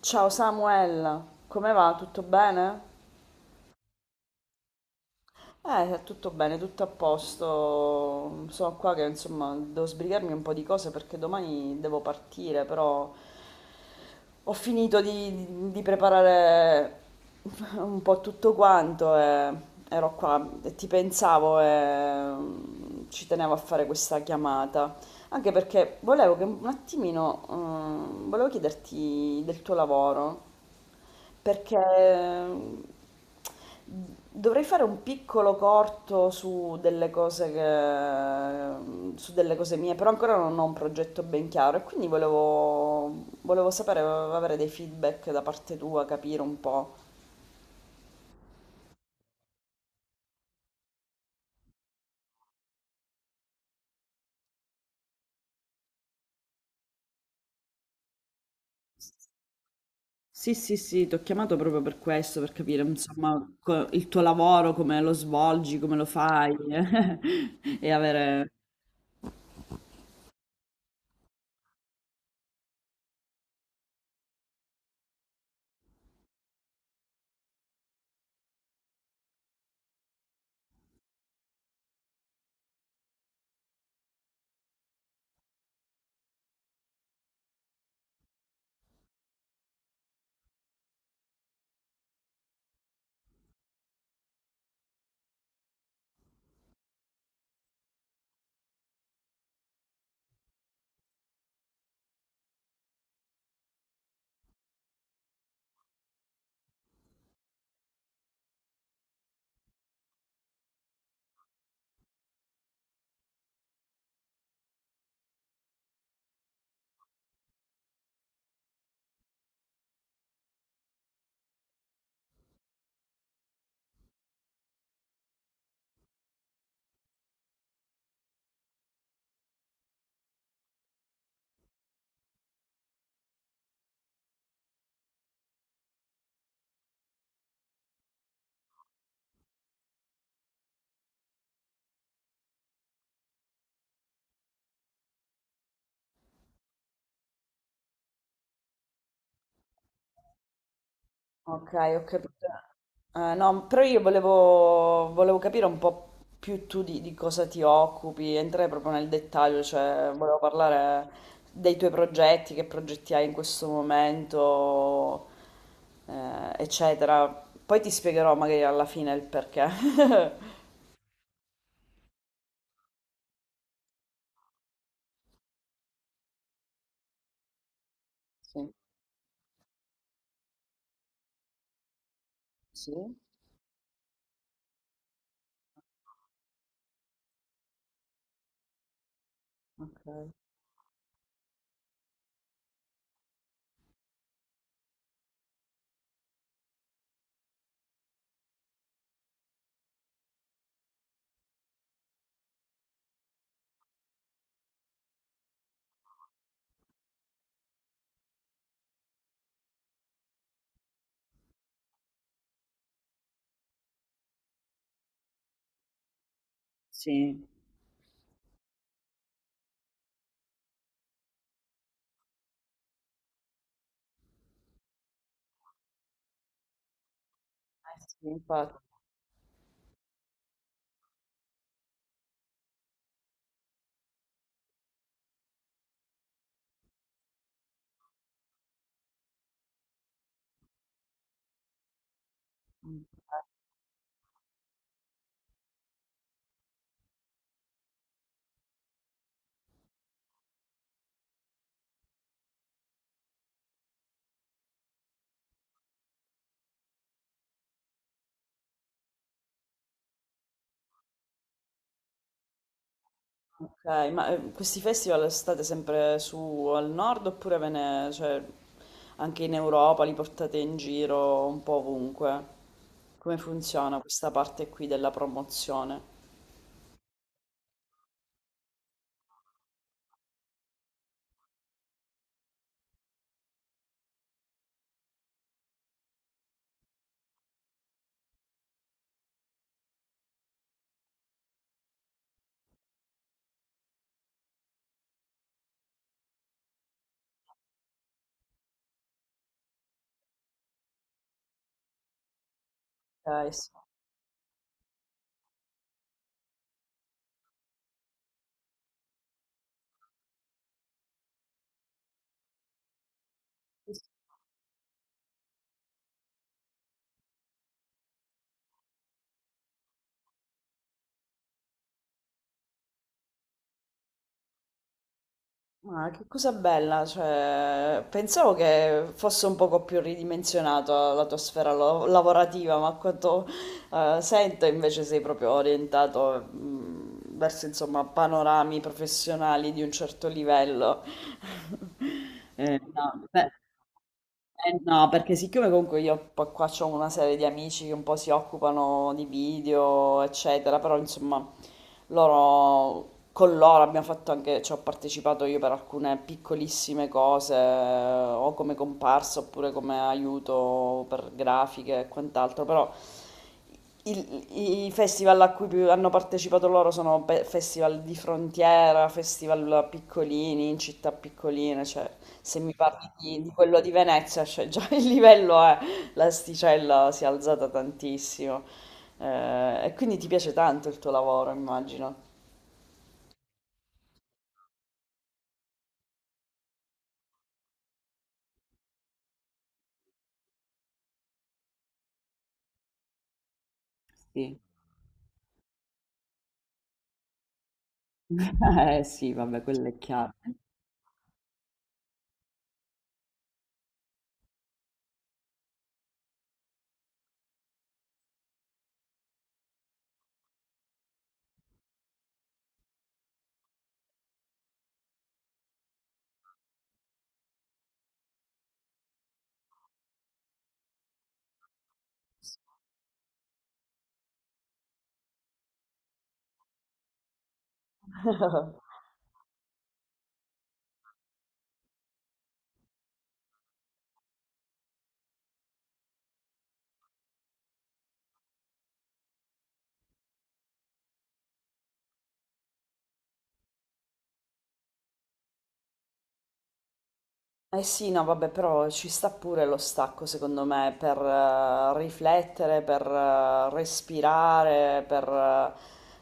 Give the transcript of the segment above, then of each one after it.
Ciao Samuel, come va? Tutto bene? Tutto bene, tutto a posto. Sono qua che insomma devo sbrigarmi un po' di cose perché domani devo partire, però ho finito di preparare un po' tutto quanto e ero qua e ti pensavo e ci tenevo a fare questa chiamata. Anche perché volevo che un attimino, volevo chiederti del tuo lavoro perché dovrei fare un piccolo corto su delle cose mie, però ancora non ho un progetto ben chiaro e quindi volevo sapere, avere dei feedback da parte tua, capire un po'. Sì, sì, sì, ti ho chiamato proprio per questo, per capire, insomma, il tuo lavoro, come lo svolgi, come lo fai e avere... Ok, ho capito. No, però io volevo capire un po' più tu di cosa ti occupi, entrare proprio nel dettaglio, cioè volevo parlare dei tuoi progetti, che progetti hai in questo momento, eccetera. Poi ti spiegherò magari alla fine il perché. Sì, sì, ok. Sì. Eh sì, infatti. Mm. Ok, ma questi festival state sempre su al nord oppure ve ne, cioè, anche in Europa li portate in giro un po' ovunque? Come funziona questa parte qui della promozione? Ok, sì. Ma che cosa bella, cioè, pensavo che fosse un poco più ridimensionata la tua sfera lavorativa, ma a quanto, eh, sento invece sei proprio orientato verso insomma panorami professionali di un certo livello. No, beh, eh no, perché siccome comunque io qua ho una serie di amici che un po' si occupano di video, eccetera, però insomma con loro abbiamo fatto anche, ci ho partecipato io per alcune piccolissime cose, o come comparsa oppure come aiuto per grafiche e quant'altro, però i festival a cui hanno partecipato loro sono festival di frontiera, festival piccolini, in città piccoline, cioè se mi parli di quello di Venezia, cioè già il livello è, l'asticella si è alzata tantissimo. E quindi ti piace tanto il tuo lavoro, immagino. Sì. Eh sì, vabbè, quello è chiaro. Eh sì, no, vabbè, però ci sta pure lo stacco, secondo me, per riflettere, per respirare, per,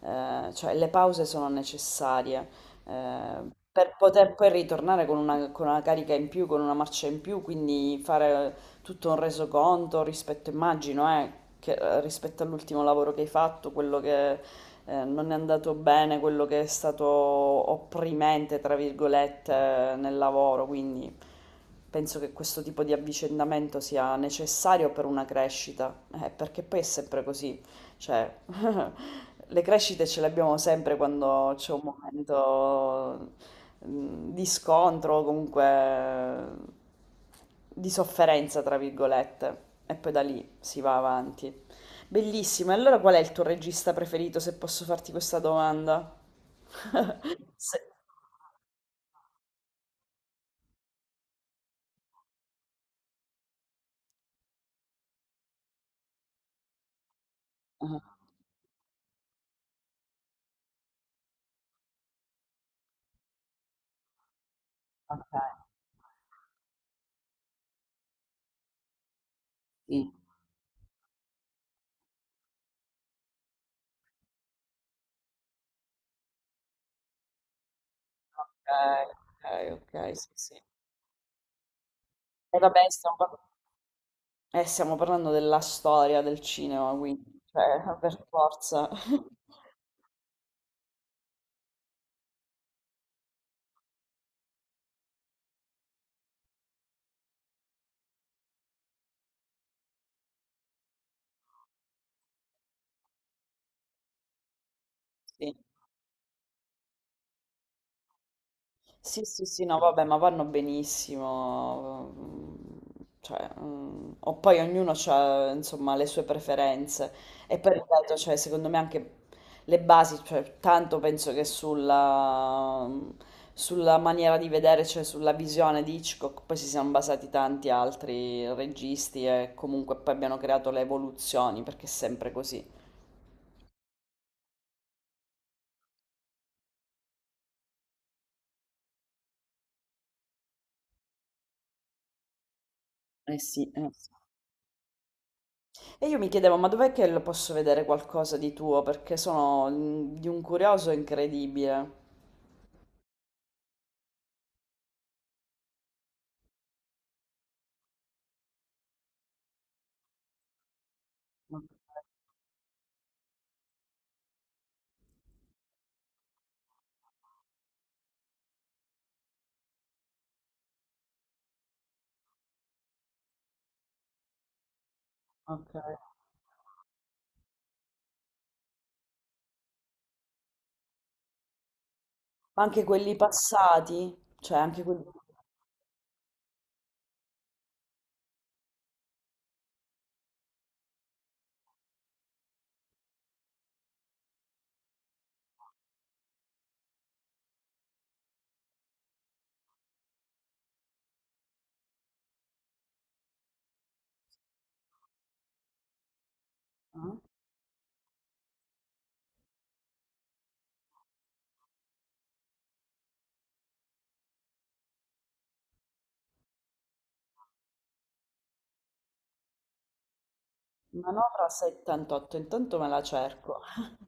cioè le pause sono necessarie, eh, per poter poi ritornare con con una carica in più, con una marcia in più, quindi fare tutto un resoconto rispetto, immagino, rispetto all'ultimo lavoro che hai fatto, quello che non è andato bene, quello che è stato opprimente, tra virgolette, nel lavoro, quindi penso che questo tipo di avvicendamento sia necessario per una crescita, perché poi è sempre così, cioè, le crescite ce le abbiamo sempre quando c'è un momento di scontro o comunque di sofferenza, tra virgolette, e poi da lì si va avanti. Bellissimo, e allora qual è il tuo regista preferito, se posso farti questa domanda? Se... Ah, ok, sì. Ok, ok, ok, sì, sì. E vabbè, sta un po'. Stiamo parlando della storia del cinema, quindi, cioè, per forza. Sì. Sì, sì, sì, no, vabbè, ma vanno benissimo. Mm, cioè, mm, o poi ognuno ha, insomma, le sue preferenze. E poi, ripeto, cioè, secondo me anche le basi, cioè, tanto penso che sulla maniera di vedere, cioè sulla visione di Hitchcock, poi si siano basati tanti altri registi e comunque poi abbiano creato le evoluzioni, perché è sempre così. Eh sì, eh sì. E io mi chiedevo, ma dov'è che lo posso vedere qualcosa di tuo? Perché sono mm, di un curioso incredibile. Ok, ok. Ma anche quelli passati, cioè anche quelli... eh? Manovra 78, intanto me la cerco.